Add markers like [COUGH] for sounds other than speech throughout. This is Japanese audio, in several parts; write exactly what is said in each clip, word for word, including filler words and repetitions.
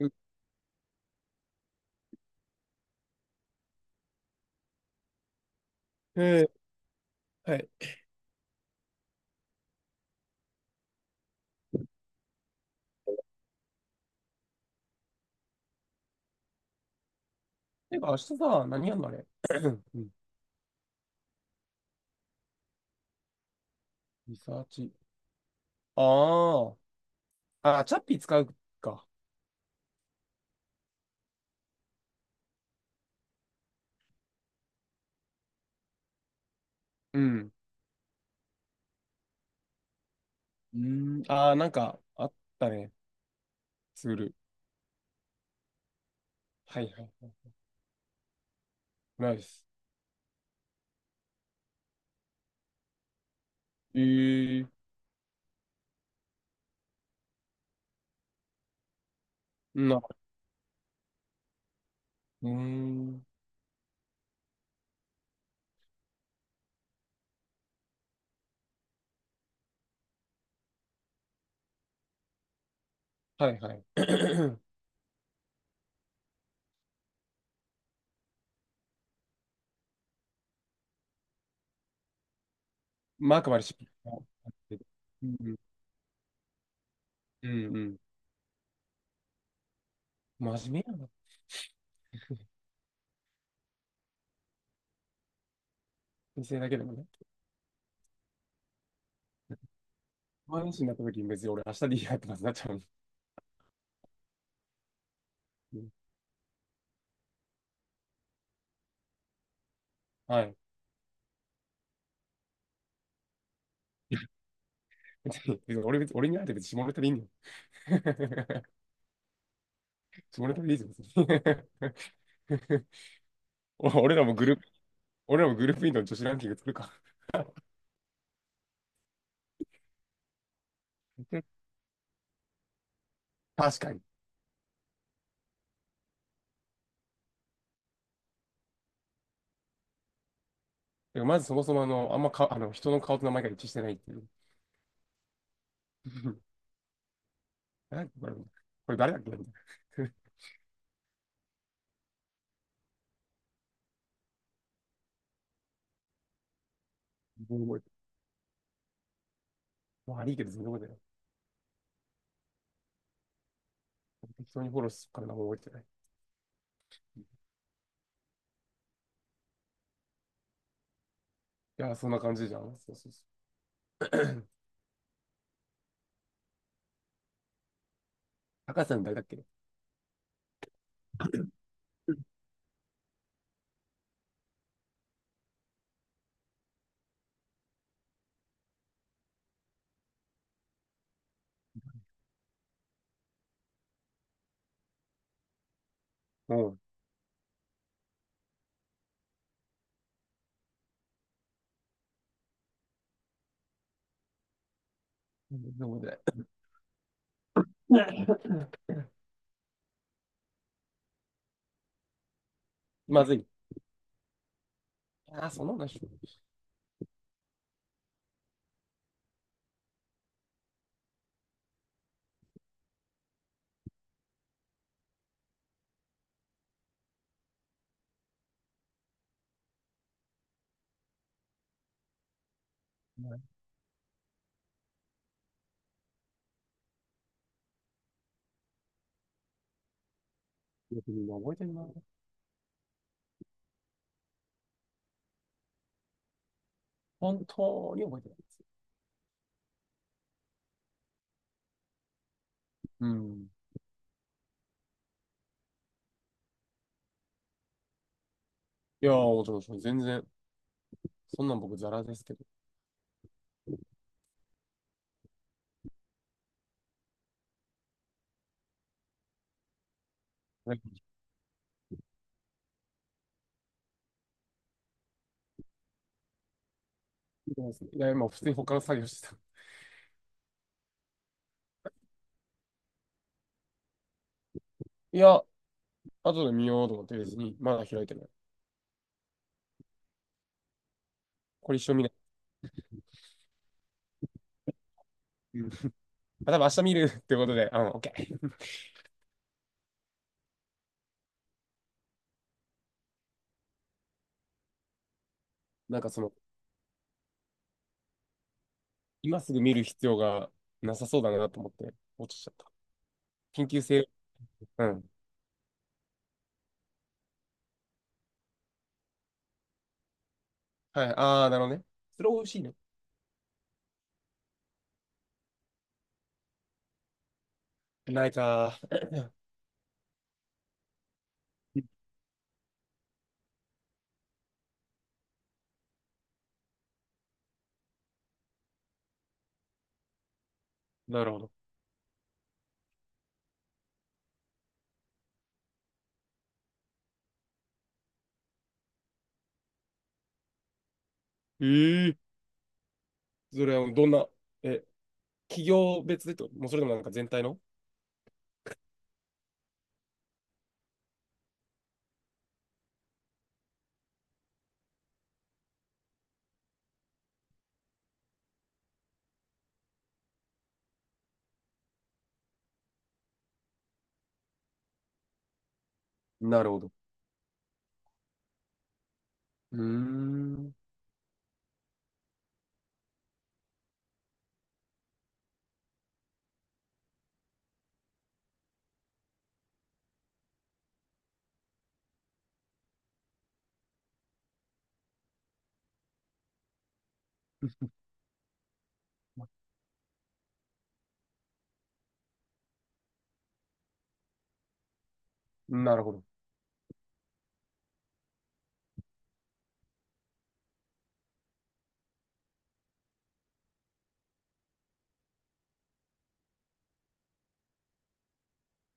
うん。えー、はい。てか、明日さ、何やんのあれ？ [CLEARS THROAT] うん。リサーチ。ああ。あ、チャッピー使うか。うん。うーん。ああ、なんか、あったね。ツール。はいはいはい。ナイス。えー、な、うーん。はいはい。[CLEARS THROAT] マークまでしうん、うん、うん。真面目やな。先生だけでもね。毎日になった時に別に俺明日でいいやってなっちゃう。うん。はい。[LAUGHS] 別に、別に俺別に、俺に会えて別に下ネタでいいんだよ。[LAUGHS] それでもいいぞ。[LAUGHS] お俺らもグループ、俺らもグループインの女子ランキング作るか。[LAUGHS] 確かに。でもまずそもそもあの、あんまか、あの、人の顔と名前が一致してないっていう。[LAUGHS] なんかこれ、これ誰だっけみたいな。[LAUGHS] 全然覚えてない。まあ、悪いけど全然覚えてない。適当にフォローするから名前覚えてない。いやー、そんな感じじゃん。そうそうそう。[CLEARS THROAT] 高橋さん誰だっけ？うん。飲めない。[LAUGHS] まずい。あ、その話。し覚えてるな。本当に覚えてない。うん。いやー、もちろん、もちろん全然、そんなん僕、ザラですけど。いや、今、普通に他の作業してた。いや、後で見ようと思って別に、まだ開いてない。これ一生見ない。うん。あ、多分明日見るってことで、うん、オッケー。[LAUGHS] なんか、その、今すぐ見る必要がなさそうだなと思って、落ちちゃった。緊急性、うん。はい、あー、なるほどね。それ美味しいね。ないかー。[LAUGHS] なるほど。えー、それはどんな、え、企業別でってこともうそれでもなんか全体の。なるほど。うーん。[LAUGHS] なるほど。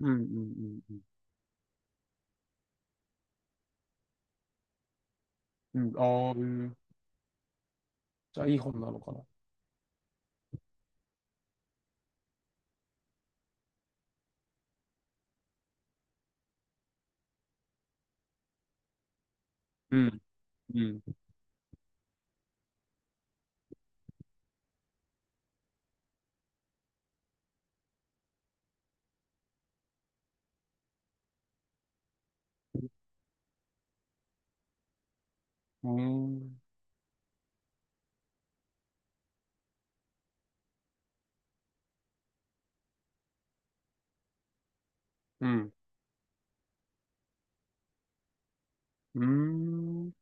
うん、うん、うん、うん。うん、あー、うん。じゃあいい本なのかな。うん、うん。うーん。うんうーん。っ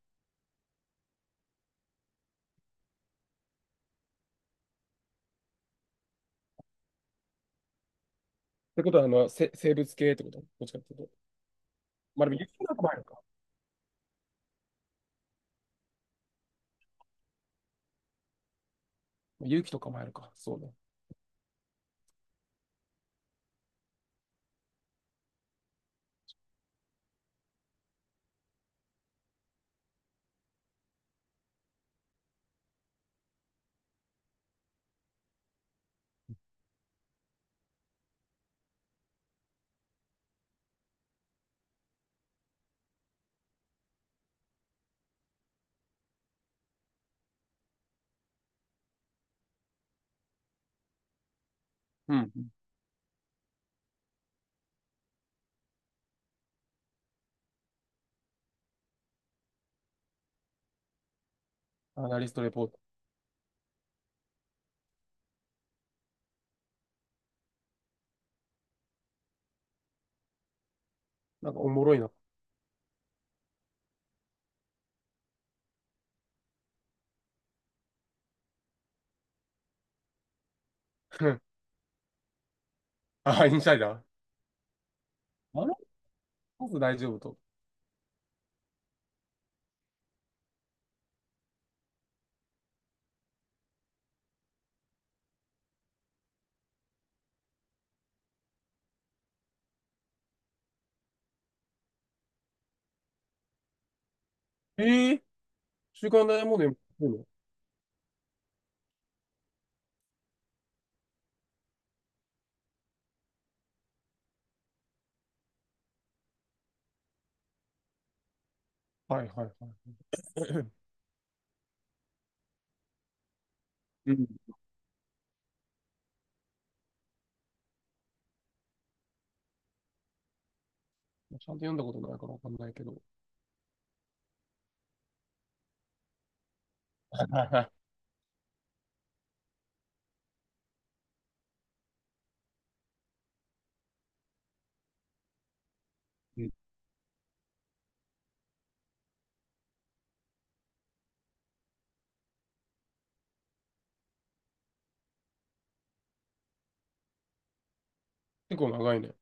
てことは、あの、せ、生物系ってこと、どっちかっていうと。まあでも、有なんかもあるか。勇気とかもあるか。そうね。うん。アナリストレポート。なんかおもろいな。[LAUGHS] あ、インサイダー。あの、まず大丈夫と。ええ、週刊ダイヤモンド読むの？はいはいはい。[CLEARS THROAT] うん。ちゃんと読んだことないからわかんないけど。[LAUGHS] うん。結構長いね。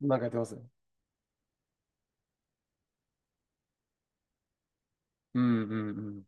なんかやってますよ。うんうんうん。